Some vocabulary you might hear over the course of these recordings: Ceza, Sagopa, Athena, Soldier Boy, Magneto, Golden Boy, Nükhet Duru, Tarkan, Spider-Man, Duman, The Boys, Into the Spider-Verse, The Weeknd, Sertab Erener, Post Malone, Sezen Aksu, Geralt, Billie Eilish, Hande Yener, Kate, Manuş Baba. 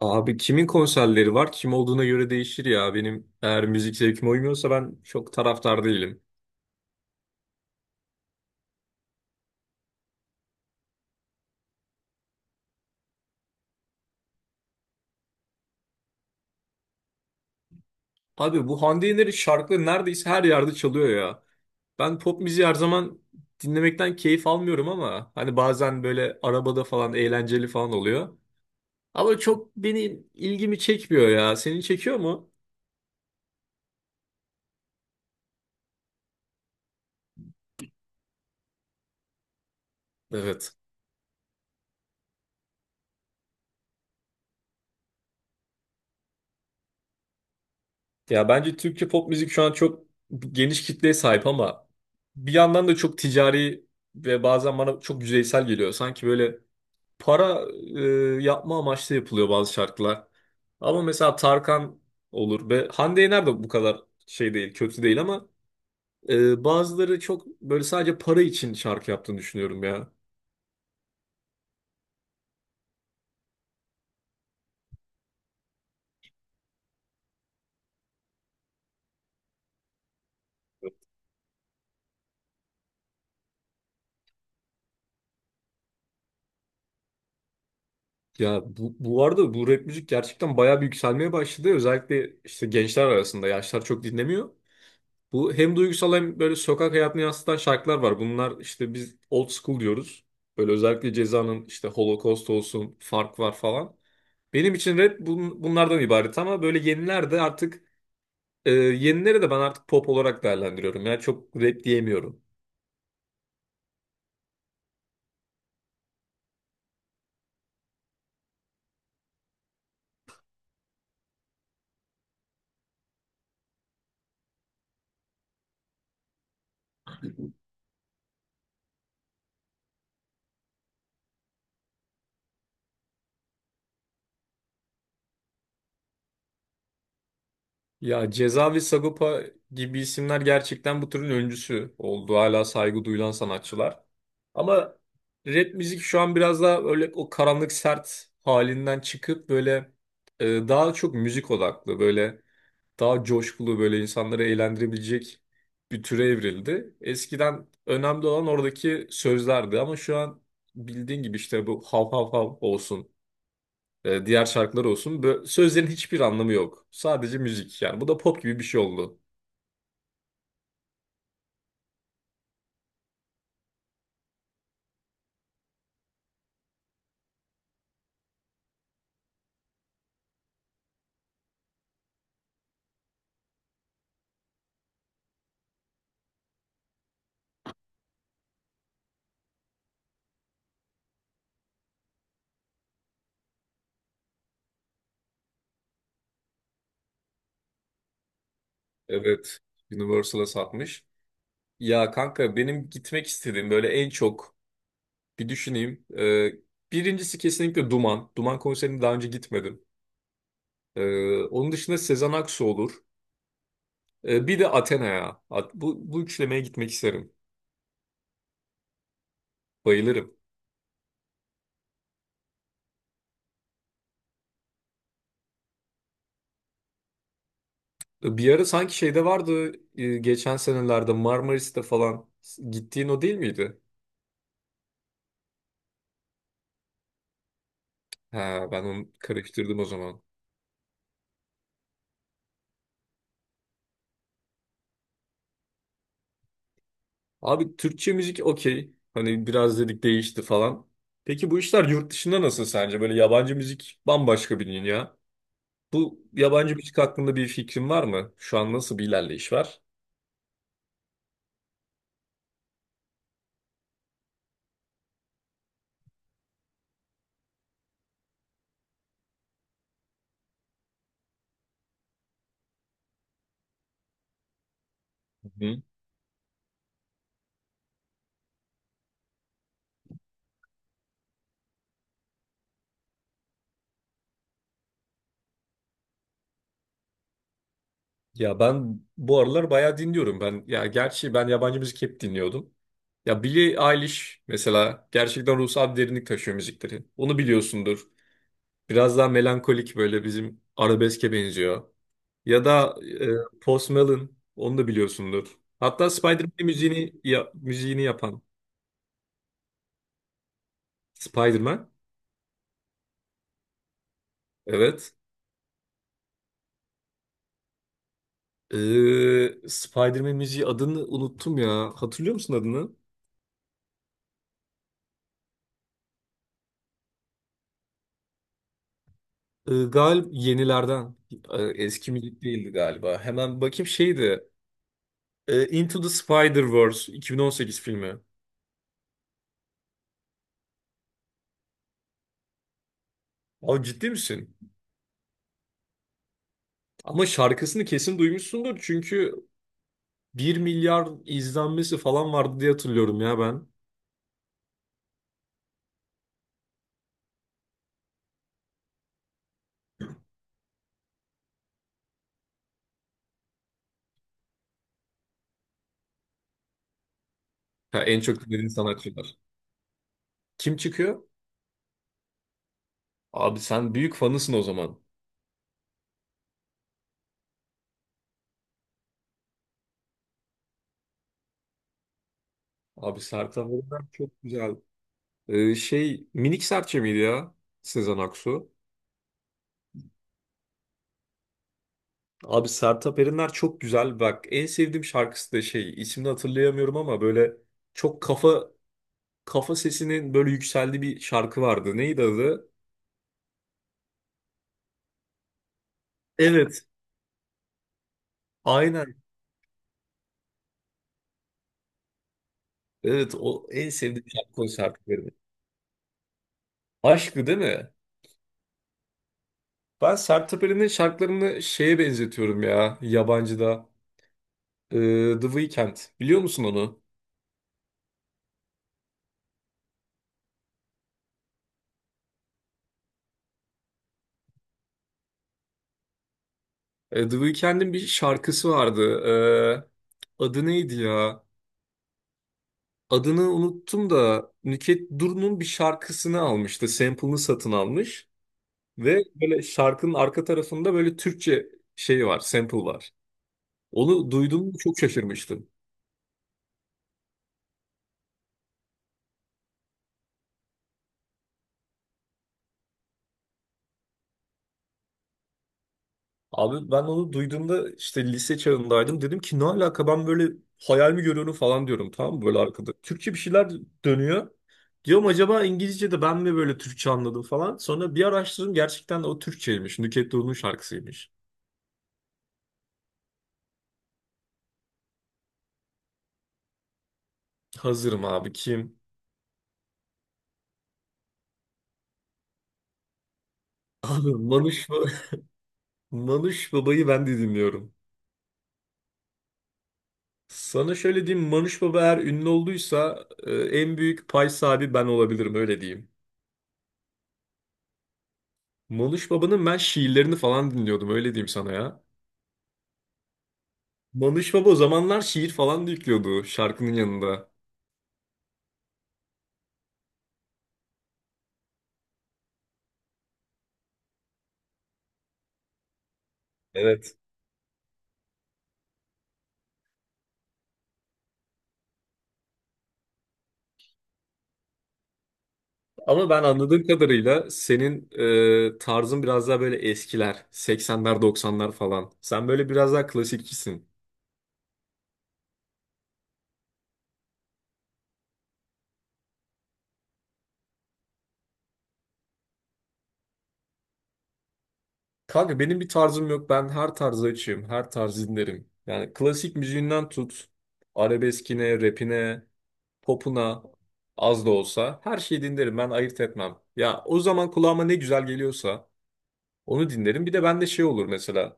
Abi kimin konserleri var? Kim olduğuna göre değişir ya. Benim eğer müzik zevkime uymuyorsa ben çok taraftar değilim. Abi bu Hande Yener'in şarkıları neredeyse her yerde çalıyor ya. Ben pop müziği her zaman dinlemekten keyif almıyorum ama hani bazen böyle arabada falan eğlenceli falan oluyor. Ama çok benim ilgimi çekmiyor ya. Seni çekiyor mu? Evet. Ya bence Türkçe pop müzik şu an çok geniş kitleye sahip ama bir yandan da çok ticari ve bazen bana çok yüzeysel geliyor. Sanki böyle para yapma amaçlı yapılıyor bazı şarkılar. Ama mesela Tarkan olur ve Hande Yener de bu kadar şey değil, kötü değil ama bazıları çok böyle sadece para için şarkı yaptığını düşünüyorum ya. Ya bu arada bu rap müzik gerçekten bayağı bir yükselmeye başladı. Özellikle işte gençler arasında yaşlar çok dinlemiyor. Bu hem duygusal hem böyle sokak hayatını yansıtan şarkılar var. Bunlar işte biz old school diyoruz. Böyle özellikle Ceza'nın işte Holocaust olsun, Fark var falan. Benim için rap bunlardan ibaret ama böyle yeniler de artık yenilere de ben artık pop olarak değerlendiriyorum. Yani çok rap diyemiyorum. Ya Ceza ve Sagopa gibi isimler gerçekten bu türün öncüsü oldu. Hala saygı duyulan sanatçılar. Ama rap müzik şu an biraz daha öyle o karanlık sert halinden çıkıp böyle daha çok müzik odaklı, böyle daha coşkulu, böyle insanları eğlendirebilecek bir türe evrildi. Eskiden önemli olan oradaki sözlerdi ama şu an bildiğin gibi işte bu hav hav hav olsun. Diğer şarkılar olsun. Sözlerin hiçbir anlamı yok. Sadece müzik yani. Bu da pop gibi bir şey oldu. Evet. Universal'a satmış. Ya kanka benim gitmek istediğim böyle en çok bir düşüneyim. Birincisi kesinlikle Duman. Duman konserine daha önce gitmedim. E, Onun dışında Sezen Aksu olur. Bir de Athena'ya. Bu üçlemeye gitmek isterim. Bayılırım. Bir ara sanki şeyde vardı geçen senelerde Marmaris'te falan gittiğin o değil miydi? Ha, ben onu karıştırdım o zaman. Abi Türkçe müzik okey. Hani biraz dedik değişti falan. Peki bu işler yurt dışında nasıl sence? Böyle yabancı müzik bambaşka bir dünya. Bu yabancı müzik hakkında bir fikrin var mı? Şu an nasıl bir ilerleyiş var? Hı. Ya ben bu aralar bayağı dinliyorum. Ben ya gerçi ben yabancı müzik hep dinliyordum. Ya Billie Eilish mesela gerçekten ruhsal bir derinlik taşıyor müzikleri. Onu biliyorsundur. Biraz daha melankolik böyle bizim arabeske benziyor. Ya da Post Malone onu da biliyorsundur. Hatta Spider-Man müziğini ya, müziğini yapan Spider-Man. Evet. Spider-Man müziği adını unuttum ya. Hatırlıyor musun adını? Gal Yenilerden. Eski müzik değildi galiba. Hemen bakayım şeydi. Into the Spider-Verse 2018 filmi. Abi ciddi misin? Ama şarkısını kesin duymuşsundur çünkü bir milyar izlenmesi falan vardı diye hatırlıyorum ya ben. Ha, en çok dinlediğin sanatçılar. Kim çıkıyor? Abi sen büyük fanısın o zaman. Abi Sertab Erener çok güzel. Şey Minik Serçe miydi ya? Sezen Aksu. Abi Sertab Erener çok güzel. Bak en sevdiğim şarkısı da şey ismini hatırlayamıyorum ama böyle çok kafa kafa sesinin böyle yükseldiği bir şarkı vardı. Neydi adı? Evet. Aynen. Evet o en sevdiğim şarkı o Sertab Erener. Aşkı değil mi? Ben Sertab Erener'in şarkılarını şeye benzetiyorum ya yabancıda. The Weeknd. Biliyor musun onu? The Weeknd'in bir şarkısı vardı. Adı neydi ya? Adını unuttum da Nükhet Duru'nun bir şarkısını almıştı. Sample'ını satın almış. Ve böyle şarkının arka tarafında böyle Türkçe şey var, sample var. Onu duyduğumda çok şaşırmıştım. Abi ben onu duyduğumda işte lise çağındaydım. Dedim ki ne alaka ben böyle hayal mi görüyorum falan diyorum tamam mı böyle arkada. Türkçe bir şeyler dönüyor. Diyorum acaba İngilizce'de ben mi böyle Türkçe anladım falan. Sonra bir araştırdım gerçekten de o Türkçeymiş. Nükhet Doğulu'nun şarkısıymış. Hazırım abi kim? Abi Manuş, Ba- Manuş Baba'yı ben de dinliyorum. Sana şöyle diyeyim Manuş Baba eğer ünlü olduysa en büyük pay sahibi ben olabilirim öyle diyeyim. Manuş Baba'nın ben şiirlerini falan dinliyordum öyle diyeyim sana ya. Mamış Baba o zamanlar şiir falan da yüklüyordu şarkının yanında. Evet. Ama ben anladığım kadarıyla senin tarzın biraz daha böyle eskiler. 80'ler 90'lar falan. Sen böyle biraz daha klasikçisin. Kanka benim bir tarzım yok. Ben her tarzı açığım. Her tarzı dinlerim. Yani klasik müziğinden tut. Arabeskine, rapine, popuna az da olsa her şeyi dinlerim. Ben ayırt etmem. Ya o zaman kulağıma ne güzel geliyorsa onu dinlerim. Bir de bende şey olur mesela.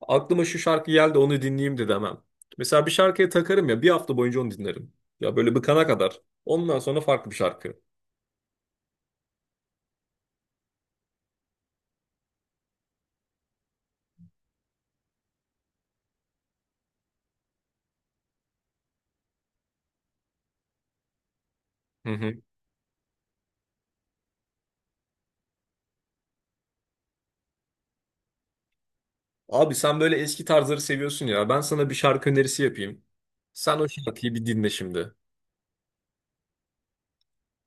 Aklıma şu şarkı geldi onu dinleyeyim de demem. Mesela bir şarkıya takarım ya bir hafta boyunca onu dinlerim. Ya böyle bıkana kadar. Ondan sonra farklı bir şarkı. Hı hı. Abi sen böyle eski tarzları seviyorsun ya. Ben sana bir şarkı önerisi yapayım. Sen o şarkıyı bir dinle şimdi.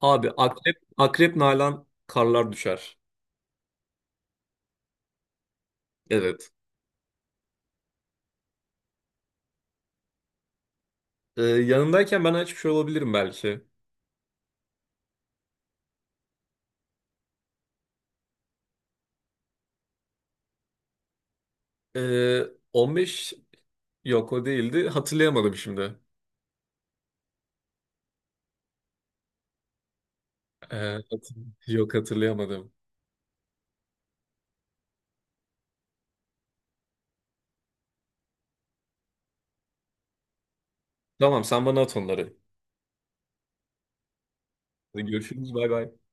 Abi Akrep, Akrep Nalan Karlar Düşer. Evet. Yanındayken ben açmış olabilirim belki. Ee, 15 yok o değildi. Hatırlayamadım şimdi. Ee, hatır- Yok hatırlayamadım. Tamam sen bana at onları. Hadi görüşürüz bay bay.